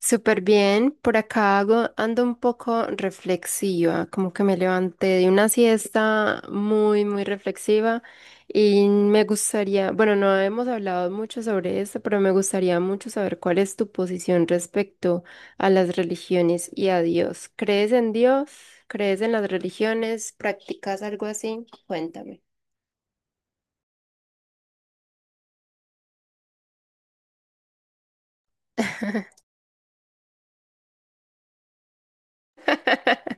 Súper bien, por acá ando un poco reflexiva, como que me levanté de una siesta muy, muy reflexiva y me gustaría, bueno, no hemos hablado mucho sobre esto, pero me gustaría mucho saber cuál es tu posición respecto a las religiones y a Dios. ¿Crees en Dios? ¿Crees en las religiones? ¿Practicas algo así? Cuéntame.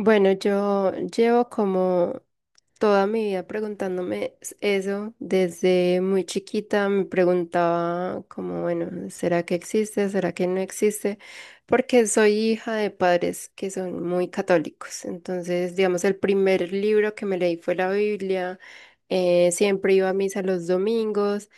Bueno, yo llevo como toda mi vida preguntándome eso. Desde muy chiquita me preguntaba como, bueno, ¿será que existe? ¿Será que no existe? Porque soy hija de padres que son muy católicos. Entonces, digamos, el primer libro que me leí fue la Biblia. Siempre iba a misa los domingos.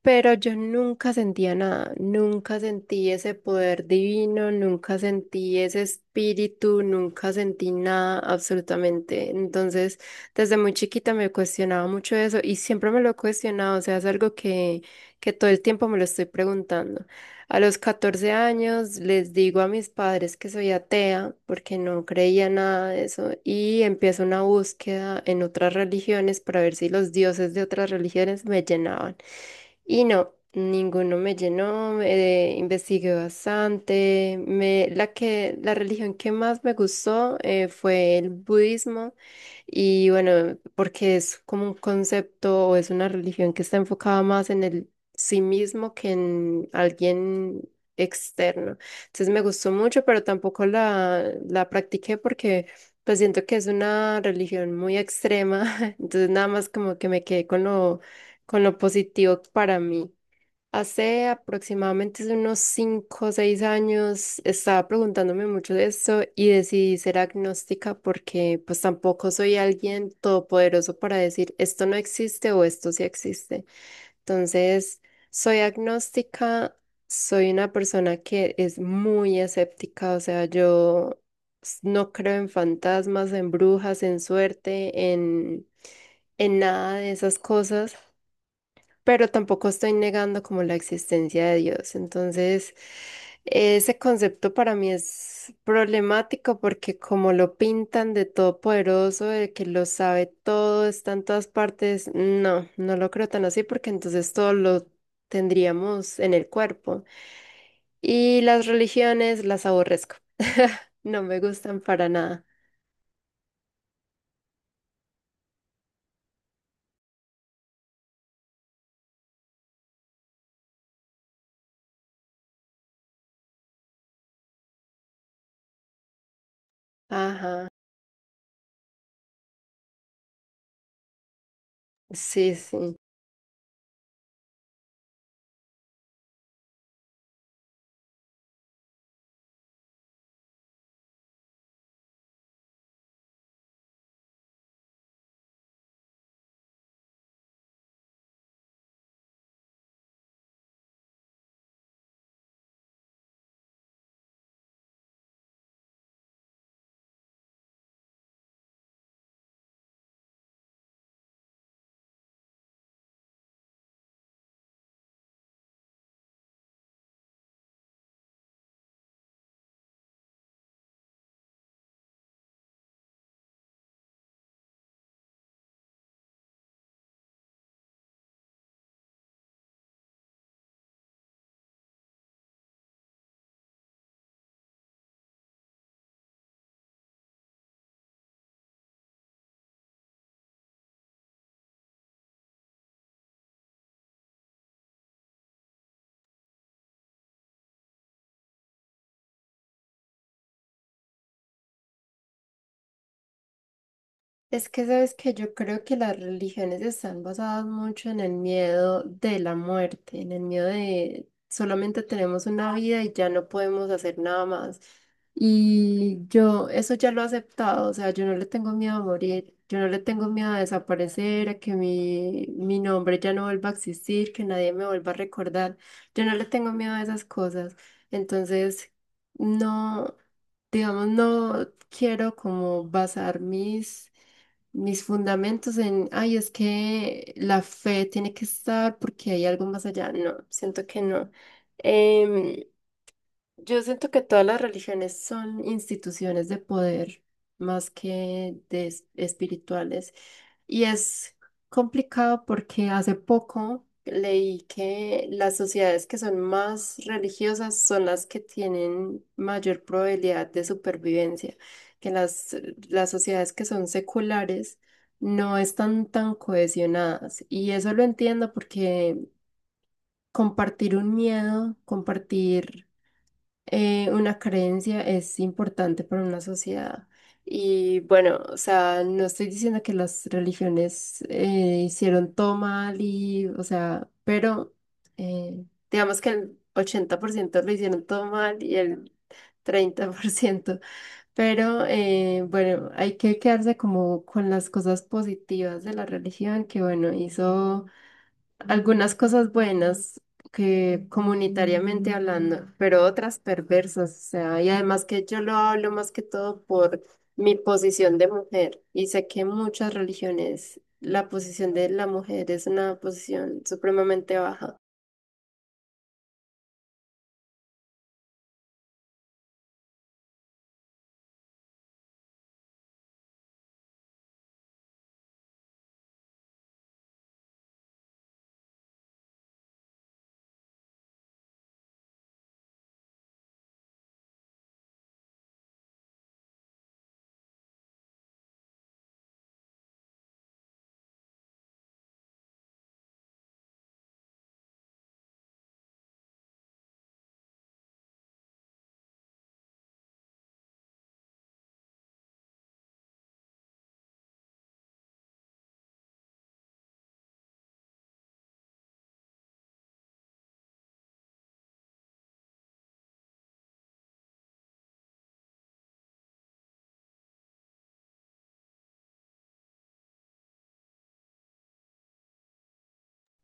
Pero yo nunca sentía nada, nunca sentí ese poder divino, nunca sentí ese espíritu, nunca sentí nada absolutamente. Entonces, desde muy chiquita me cuestionaba mucho eso y siempre me lo he cuestionado, o sea, es algo que todo el tiempo me lo estoy preguntando. A los 14 años les digo a mis padres que soy atea porque no creía nada de eso y empiezo una búsqueda en otras religiones para ver si los dioses de otras religiones me llenaban. Y no, ninguno me llenó, investigué bastante. La religión que más me gustó fue el budismo y bueno, porque es como un concepto o es una religión que está enfocada más en el sí mismo que en alguien externo. Entonces me gustó mucho, pero tampoco la practiqué porque pues siento que es una religión muy extrema. Entonces nada más como que me quedé con con lo positivo para mí. Hace aproximadamente unos 5 o 6 años estaba preguntándome mucho de esto y decidí ser agnóstica porque pues tampoco soy alguien todopoderoso para decir esto no existe o esto sí existe. Entonces, soy agnóstica, soy una persona que es muy escéptica, o sea, yo no creo en fantasmas, en brujas, en suerte, en nada de esas cosas pero tampoco estoy negando como la existencia de Dios. Entonces, ese concepto para mí es problemático porque como lo pintan de todopoderoso, de que lo sabe todo, está en todas partes, no, no lo creo tan así porque entonces todo lo tendríamos en el cuerpo. Y las religiones las aborrezco. No me gustan para nada. Ajá. Sí, sí. Es que sabes que yo creo que las religiones están basadas mucho en el miedo de la muerte, en el miedo de solamente tenemos una vida y ya no podemos hacer nada más. Y yo eso ya lo he aceptado, o sea, yo no le tengo miedo a morir, yo no le tengo miedo a desaparecer, a que mi nombre ya no vuelva a existir, que nadie me vuelva a recordar, yo no le tengo miedo a esas cosas. Entonces, no, digamos, no quiero como basar mis fundamentos en, ay, es que la fe tiene que estar porque hay algo más allá. No, siento que no. Em, yo siento que todas las religiones son instituciones de poder más que de espirituales. Y es complicado porque hace poco leí que las sociedades que son más religiosas son las que tienen mayor probabilidad de supervivencia, que las sociedades que son seculares no están tan cohesionadas. Y eso lo entiendo porque compartir un miedo, compartir una creencia es importante para una sociedad. Y bueno, o sea, no estoy diciendo que las religiones hicieron todo mal y, o sea, pero eh, digamos que el 80% lo hicieron todo mal y el 30%. Pero bueno, hay que quedarse como con las cosas positivas de la religión, que bueno, hizo algunas cosas buenas que comunitariamente hablando, pero otras perversas, o sea, y además que yo lo hablo más que todo por mi posición de mujer, y sé que en muchas religiones la posición de la mujer es una posición supremamente baja.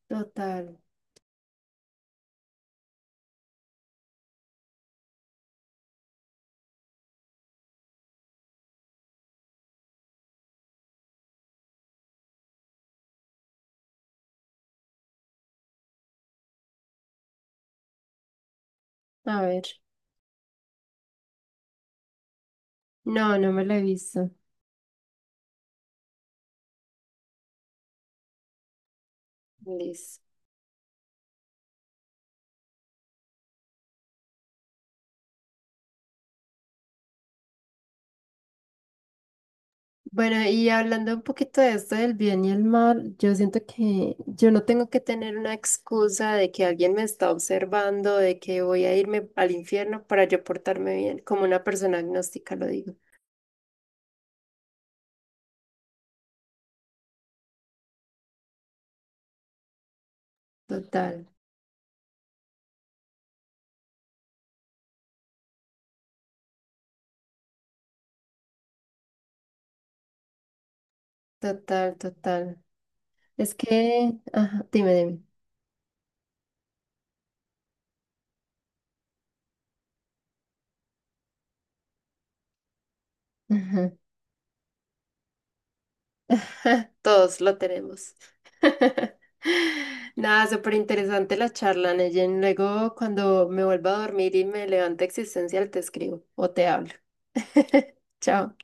Total. A ver. No, no me la he visto. Listo. Bueno, y hablando un poquito de esto del bien y el mal, yo siento que yo no tengo que tener una excusa de que alguien me está observando, de que voy a irme al infierno para yo portarme bien, como una persona agnóstica lo digo. Total, total, total. Es que, ajá, dime, dime. Todos lo tenemos. Nada, súper interesante la charla, Neyen. Luego, cuando me vuelva a dormir y me levante existencial, te escribo o te hablo. Chao.